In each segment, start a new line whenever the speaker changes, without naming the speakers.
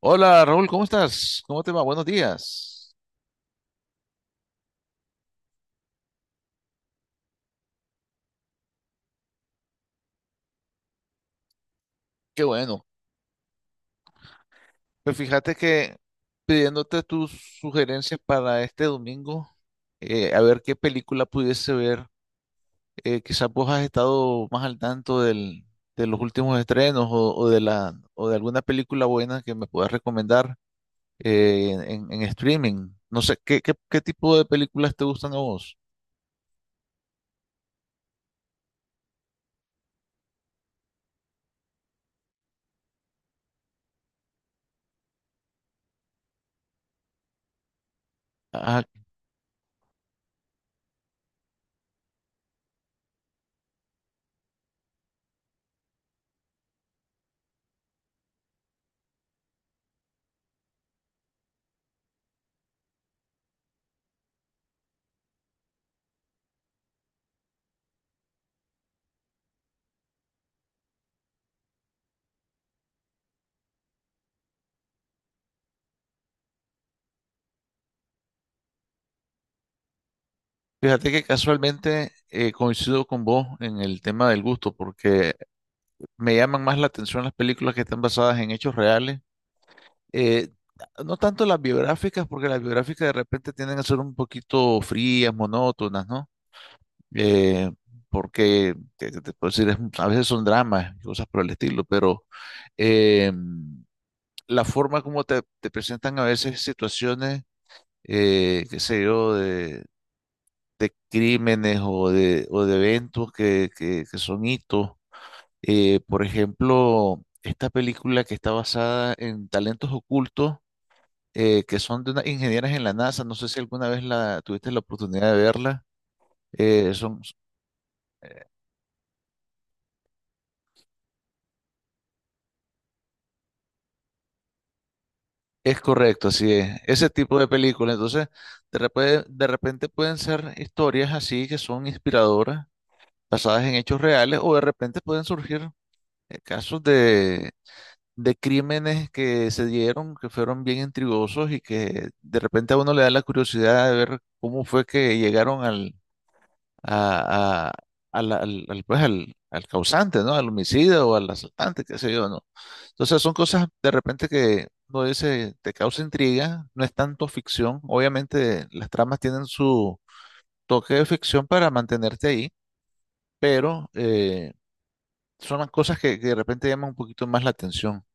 Hola Raúl, ¿cómo estás? ¿Cómo te va? Buenos días. Qué bueno. Pues fíjate que pidiéndote tus sugerencias para este domingo, a ver qué película pudiese ver. Quizás vos has estado más al tanto de los últimos estrenos o de alguna película buena que me puedas recomendar en streaming. No sé, ¿qué tipo de películas te gustan a vos? Ah, fíjate que casualmente coincido con vos en el tema del gusto, porque me llaman más la atención las películas que están basadas en hechos reales. eh, no tanto las biográficas, porque las biográficas de repente tienden a ser un poquito frías, monótonas, ¿no? Eh, ¿Qué te puedo decir? A veces son dramas y cosas por el estilo, pero eh, la forma como te presentan a veces situaciones, qué sé yo, de crímenes o de eventos que son hitos. Por ejemplo, esta película que está basada en talentos ocultos, que son de unas ingenieras en la NASA, no sé si alguna vez la tuviste la oportunidad de verla. eh, son, es correcto, así es. Ese tipo de películas. Entonces, de repente pueden ser historias así que son inspiradoras, basadas en hechos reales, o de repente pueden surgir casos de crímenes que se dieron, que fueron bien intrigosos y que de repente a uno le da la curiosidad de ver cómo fue que llegaron a, a- al causante, ¿no? Al homicida o al asaltante, qué sé yo, ¿no? Entonces son cosas de repente que uno dice, te causa intriga, no es tanto ficción. Obviamente las tramas tienen su toque de ficción para mantenerte ahí, pero son las cosas que de repente llaman un poquito más la atención.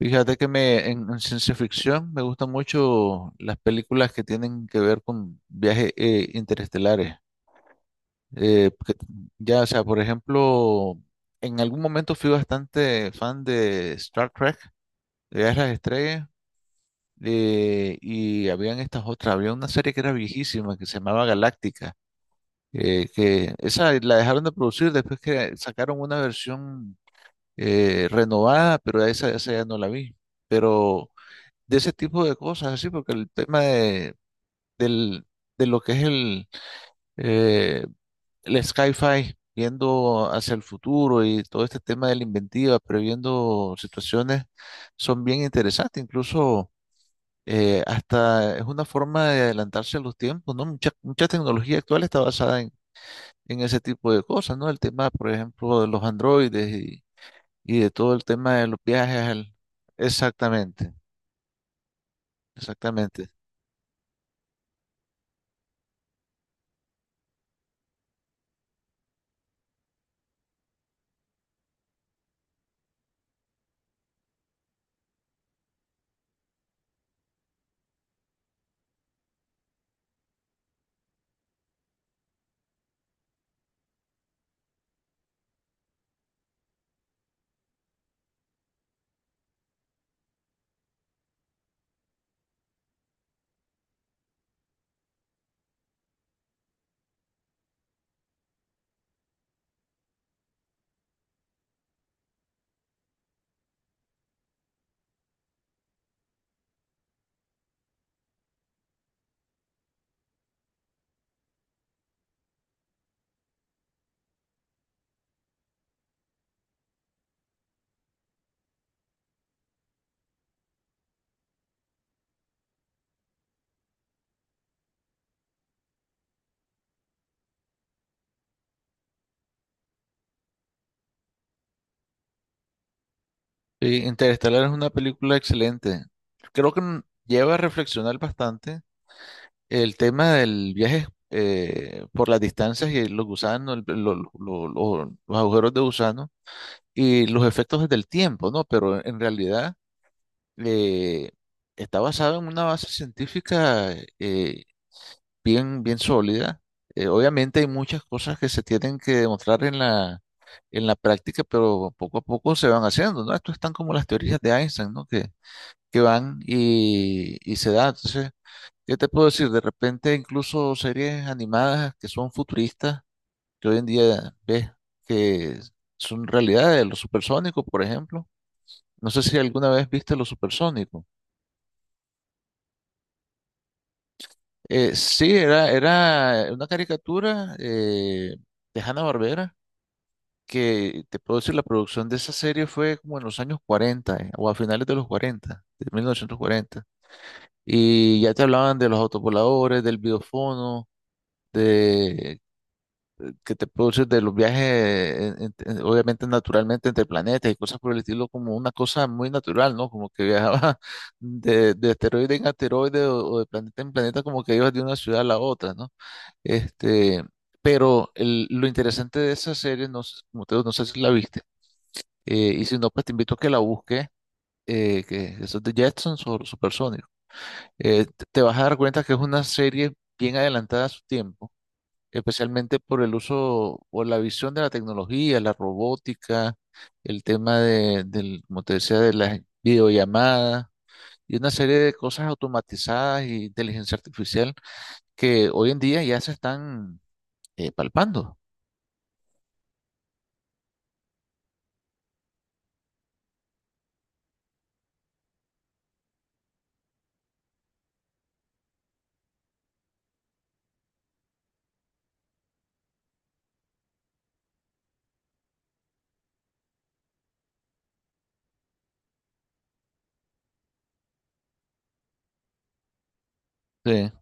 Fíjate que en ciencia ficción me gustan mucho las películas que tienen que ver con viajes interestelares. Eh, que- ya, o sea, por ejemplo, en algún momento fui bastante fan de Star Trek, de Viajes a las Estrellas, y habían estas otras, había una serie que era viejísima que se llamaba Galáctica, que esa la dejaron de producir después que sacaron una versión renovada, pero esa ya no la vi. Pero de ese tipo de cosas, así, porque el tema del, de lo que es eh, el sci-fi, viendo hacia el futuro y todo este tema de la inventiva, previendo situaciones, son bien interesantes, incluso hasta es una forma de adelantarse a los tiempos, ¿no? Mucha tecnología actual está basada en ese tipo de cosas, ¿no? El tema, por ejemplo, de los androides y de todo el tema de los viajes. Exactamente, exactamente. Sí, Interestelar es una película excelente. Creo que lleva a reflexionar bastante el tema del viaje por las distancias y los gusanos, los agujeros de gusano y los efectos del tiempo, ¿no? Pero en realidad eh, está basado en una base científica eh, bien, bien sólida. Obviamente hay muchas cosas que se tienen que demostrar en la práctica, pero poco a poco se van haciendo, ¿no? Esto están como las teorías de Einstein, ¿no? Que van y se da. Entonces, ¿qué te puedo decir? De repente incluso series animadas que son futuristas, que hoy en día ves que son realidades, los supersónicos, por ejemplo. No sé si alguna vez viste los supersónicos. Sí, era una caricatura de Hanna-Barbera, que te puedo decir, la producción de esa serie fue como en los años 40 o a finales de los 40, de 1940. Y ya te hablaban de los autopoladores, del videofono, de, que te produces de los viajes, obviamente naturalmente entre planetas y cosas por el estilo, como una cosa muy natural, ¿no? Como que viajaba de, asteroide en asteroide o de planeta en planeta, como que ibas de una ciudad a la otra, ¿no? Este, pero lo interesante de esa serie, no, como te digo, no sé si la viste, y si no, pues te invito a que la busques. Que eso es de Jetsons o Supersonic, te vas a dar cuenta que es una serie bien adelantada a su tiempo, especialmente por el uso o la visión de la tecnología, la robótica, el tema como te decía, de las videollamadas y una serie de cosas automatizadas y inteligencia artificial que hoy en día ya se están palpando. Sí.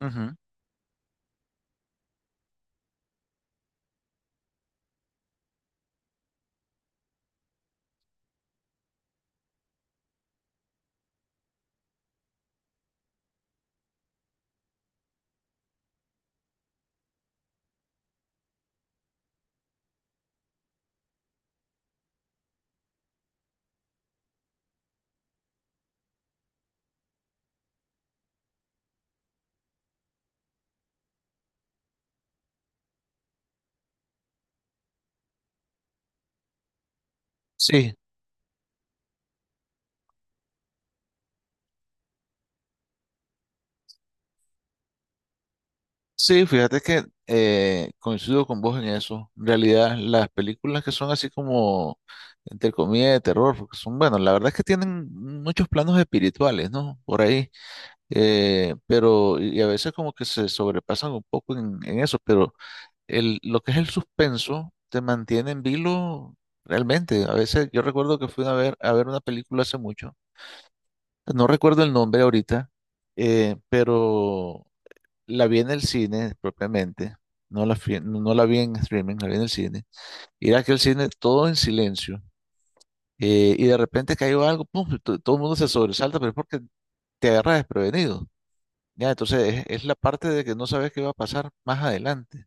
Ujú. Sí, sí, fíjate que coincido con vos en eso. En realidad, las películas que son así como, entre comillas, de terror, porque son, bueno, la verdad es que tienen muchos planos espirituales, ¿no? Por ahí. Pero, y a veces como que se sobrepasan un poco en eso, pero el, lo que es el suspenso te mantiene en vilo realmente. A veces yo recuerdo que fui a ver una película hace mucho, no recuerdo el nombre ahorita, pero la vi en el cine propiamente, no la, no la vi en streaming, la vi en el cine. Y era aquel cine todo en silencio, y de repente cayó algo, pum, y todo el mundo se sobresalta, pero es porque te agarras desprevenido. Ya, entonces es la parte de que no sabes qué va a pasar más adelante.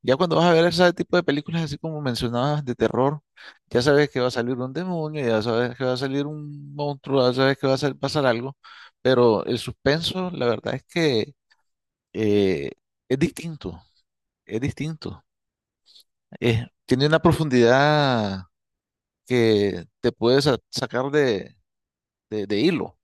Ya cuando vas a ver ese tipo de películas, así como mencionabas, de terror, ya sabes que va a salir un demonio, ya sabes que va a salir un monstruo, ya sabes que va a pasar algo, pero el suspenso, la verdad es que eh, es distinto, es distinto. Tiene una profundidad que te puede sacar de hilo.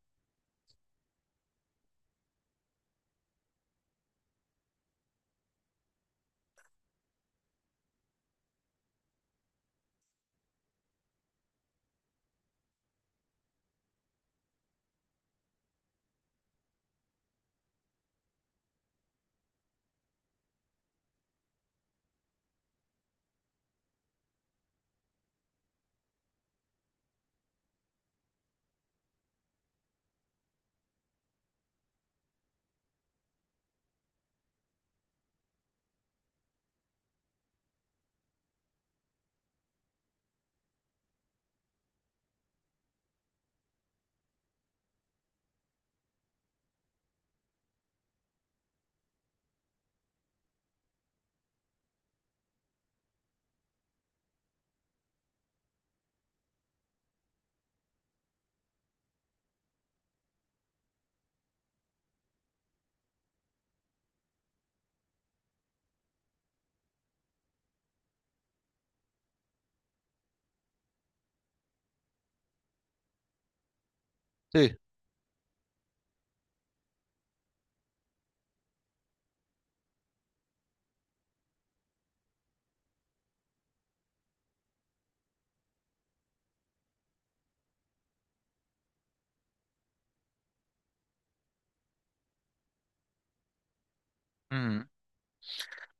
Sí.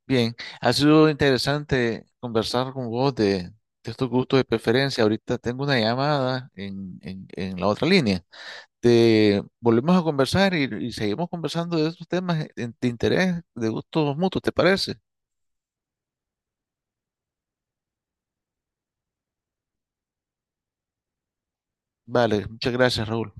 Bien, ha sido interesante conversar con vos de estos gustos de preferencia. Ahorita tengo una llamada en la otra línea. Te volvemos a conversar y seguimos conversando de estos temas de interés, de gustos mutuos, ¿te parece? Vale, muchas gracias, Raúl.